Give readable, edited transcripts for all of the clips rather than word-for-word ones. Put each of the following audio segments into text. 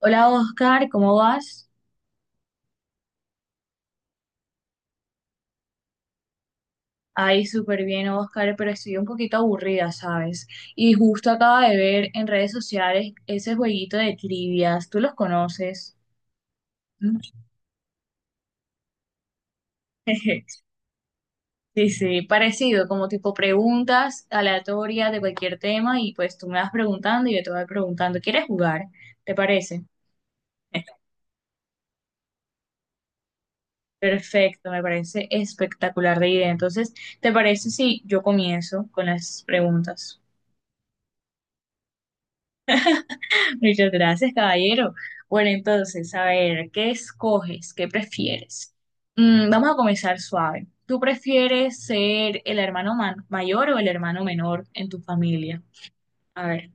Hola Oscar, ¿cómo vas? Ay, súper bien Oscar, pero estoy un poquito aburrida, ¿sabes? Y justo acaba de ver en redes sociales ese jueguito de trivias, ¿tú los conoces? Mm. Sí, sí, parecido, como tipo preguntas aleatorias de cualquier tema y pues tú me vas preguntando y yo te voy preguntando, ¿quieres jugar? ¿Te parece? Perfecto, me parece espectacular de idea. Entonces, ¿te parece si yo comienzo con las preguntas? Muchas gracias, caballero. Bueno, entonces, a ver, ¿qué escoges? ¿Qué prefieres? Vamos a comenzar suave. ¿Tú prefieres ser el hermano mayor o el hermano menor en tu familia? A ver,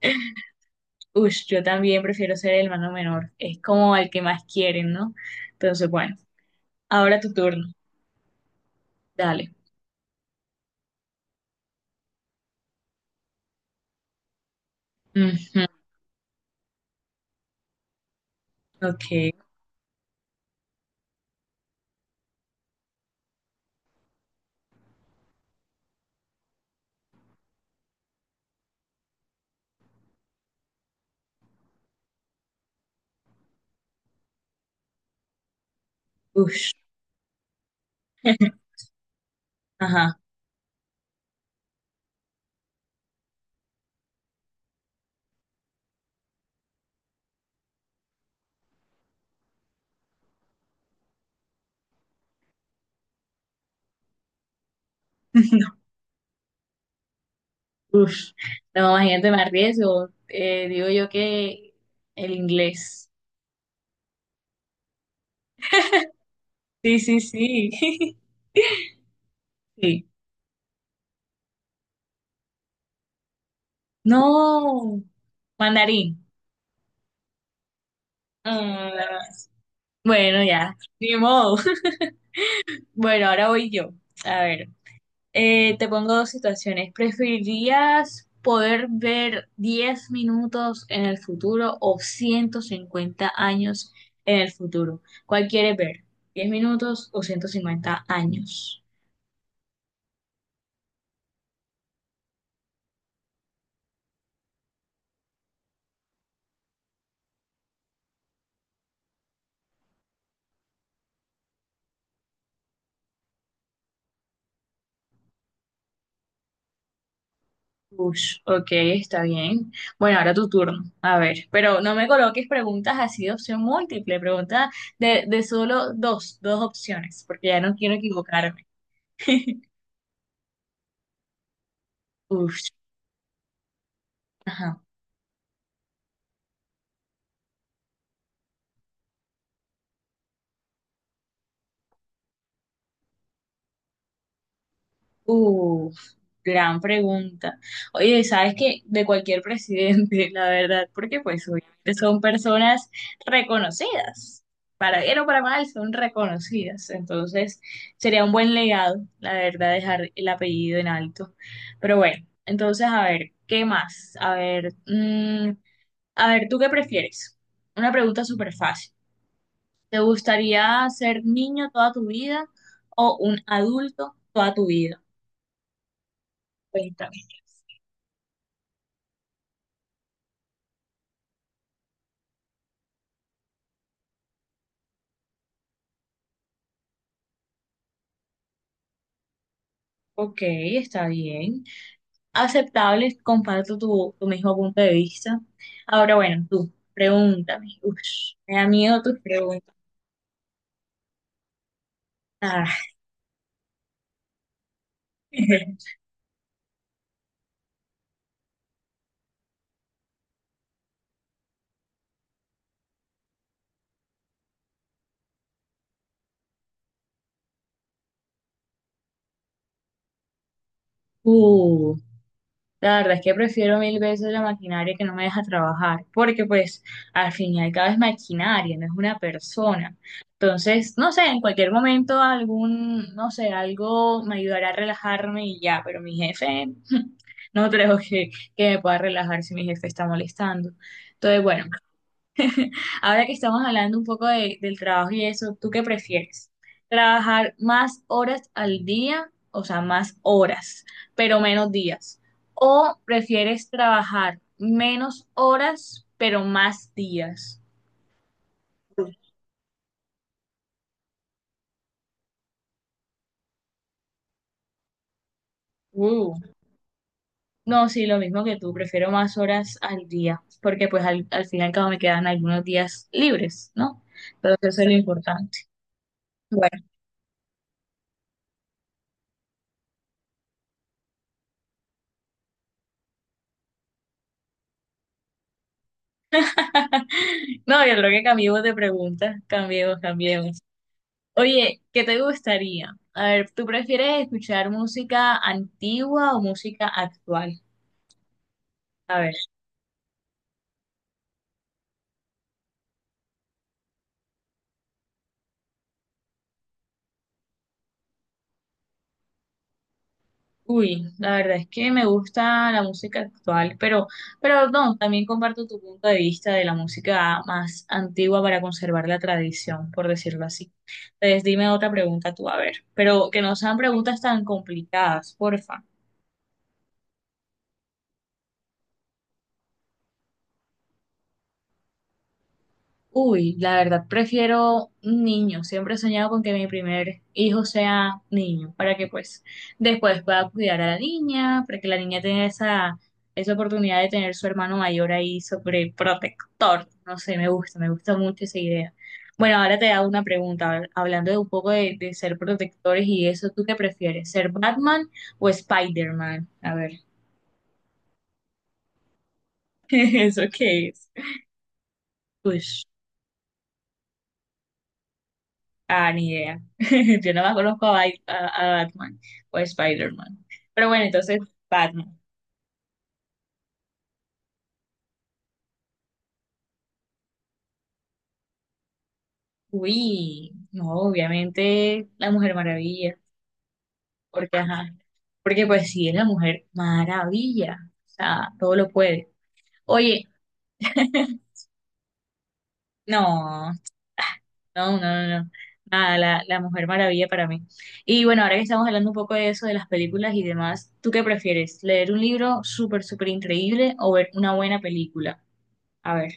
ush, yo también prefiero ser el hermano menor. Es como el que más quieren, ¿no? Entonces, bueno, ahora tu turno. Dale. Ujú. Ok. Ush. Ajá. Ush, no, imagínate, me arriesgo. Digo yo que el inglés. Sí, sí, sí. Sí. No, mandarín. Ah, bueno, ya, ni modo. Bueno, ahora voy yo. A ver, te pongo dos situaciones. ¿Preferirías poder ver 10 minutos en el futuro o 150 años en el futuro? ¿Cuál quieres ver? ¿10 minutos o 150 años? Ush, ok, está bien. Bueno, ahora tu turno. A ver, pero no me coloques preguntas así de opción múltiple, preguntas de solo dos, dos opciones, porque ya no quiero equivocarme. Ush, ajá. Uf, gran pregunta. Oye, ¿sabes qué? De cualquier presidente, la verdad, porque pues obviamente son personas reconocidas. Para bien o para mal, son reconocidas. Entonces, sería un buen legado, la verdad, dejar el apellido en alto. Pero bueno, entonces, a ver, ¿qué más? A ver, a ver, ¿tú qué prefieres? Una pregunta súper fácil. ¿Te gustaría ser niño toda tu vida o un adulto toda tu vida? Ok, está bien. Aceptable, comparto tu mismo punto de vista. Ahora, bueno, tú, pregúntame. Ush, me da miedo tus preguntas. Ah, uh, la verdad es que prefiero mil veces la maquinaria que no me deja trabajar, porque pues al fin y al cabo es maquinaria, no es una persona. Entonces, no sé, en cualquier momento algún, no sé, algo me ayudará a relajarme y ya, pero mi jefe, no creo que me pueda relajar si mi jefe está molestando. Entonces, bueno, ahora que estamos hablando un poco del trabajo y eso, ¿tú qué prefieres? ¿Trabajar más horas al día? O sea, más horas, pero menos días. ¿O prefieres trabajar menos horas, pero más días? Uh, no, sí, lo mismo que tú, prefiero más horas al día, porque pues al fin y al cabo me quedan algunos días libres, ¿no? Entonces eso es lo importante. Bueno, no, yo creo que cambiemos de pregunta, cambiemos, cambiemos. Oye, ¿qué te gustaría? A ver, ¿tú prefieres escuchar música antigua o música actual? A ver, uy, la verdad es que me gusta la música actual, pero no, también comparto tu punto de vista de la música más antigua para conservar la tradición, por decirlo así. Entonces, dime otra pregunta tú, a ver, pero que no sean preguntas tan complicadas, porfa. Uy, la verdad, prefiero un niño. Siempre he soñado con que mi primer hijo sea niño, para que pues después pueda cuidar a la niña, para que la niña tenga esa, esa oportunidad de tener su hermano mayor ahí sobre protector. No sé, me gusta mucho esa idea. Bueno, ahora te hago una pregunta, hablando de un poco de ser protectores y eso, ¿tú qué prefieres? ¿Ser Batman o Spider-Man? A ver, ¿eso qué es? Ah, ni idea. Yo nada más conozco a Batman o a Spider-Man. Pero bueno, entonces, Batman. Uy, no, obviamente la Mujer Maravilla. Porque, ajá, porque pues sí es la Mujer Maravilla. O sea, todo lo puede. Oye, no, no, no, no, no. Nada, la Mujer Maravilla para mí. Y bueno, ahora que estamos hablando un poco de eso, de las películas y demás, ¿tú qué prefieres? ¿Leer un libro súper, súper increíble o ver una buena película? A ver,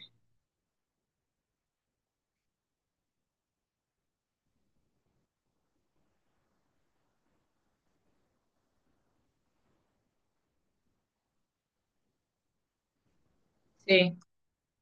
sí.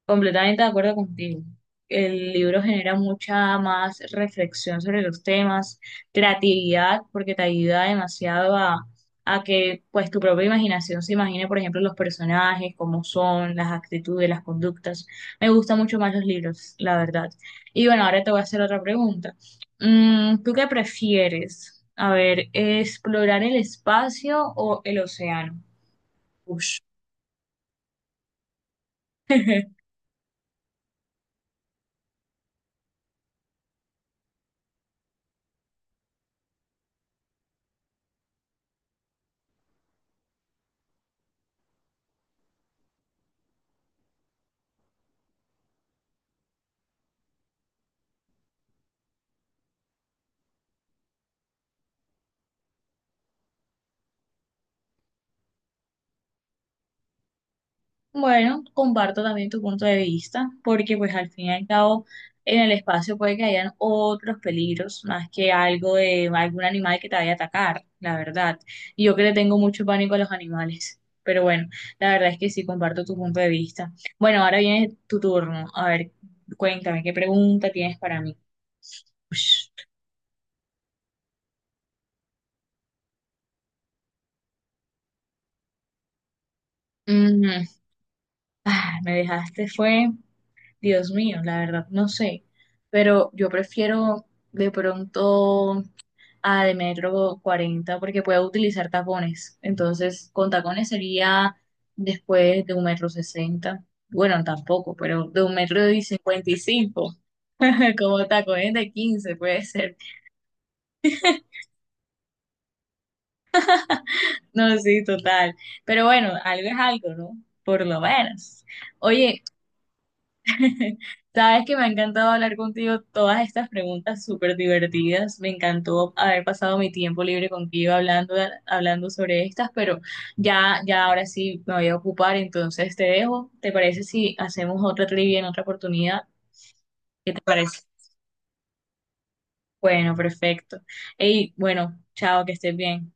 Completamente de acuerdo contigo. El libro genera mucha más reflexión sobre los temas, creatividad, porque te ayuda demasiado a que pues tu propia imaginación se imagine, por ejemplo, los personajes, cómo son, las actitudes, las conductas. Me gustan mucho más los libros, la verdad. Y bueno, ahora te voy a hacer otra pregunta. ¿Tú qué prefieres? A ver, ¿explorar el espacio o el océano? Ush. Bueno, comparto también tu punto de vista, porque pues al fin y al cabo en el espacio puede que hayan otros peligros, más que algo de algún animal que te vaya a atacar, la verdad. Y yo que le tengo mucho pánico a los animales, pero bueno, la verdad es que sí comparto tu punto de vista. Bueno, ahora viene tu turno. A ver, cuéntame, ¿qué pregunta tienes para mí? Ush. Mm, ah, me dejaste fue, Dios mío, la verdad no sé, pero yo prefiero de pronto, a de metro 40 porque puedo utilizar tacones. Entonces, con tacones sería después de un metro sesenta. Bueno, tampoco, pero de un metro y cincuenta y cinco, como tacones de 15 puede ser. No, sí, total. Pero bueno, algo es algo, ¿no? Por lo menos. Oye, sabes que me ha encantado hablar contigo todas estas preguntas súper divertidas. Me encantó haber pasado mi tiempo libre contigo hablando, hablando sobre estas, pero ya, ya ahora sí me voy a ocupar, entonces te dejo. ¿Te parece si hacemos otra trivia en otra oportunidad? ¿Qué te parece? Bueno, perfecto. Y bueno, chao, que estés bien.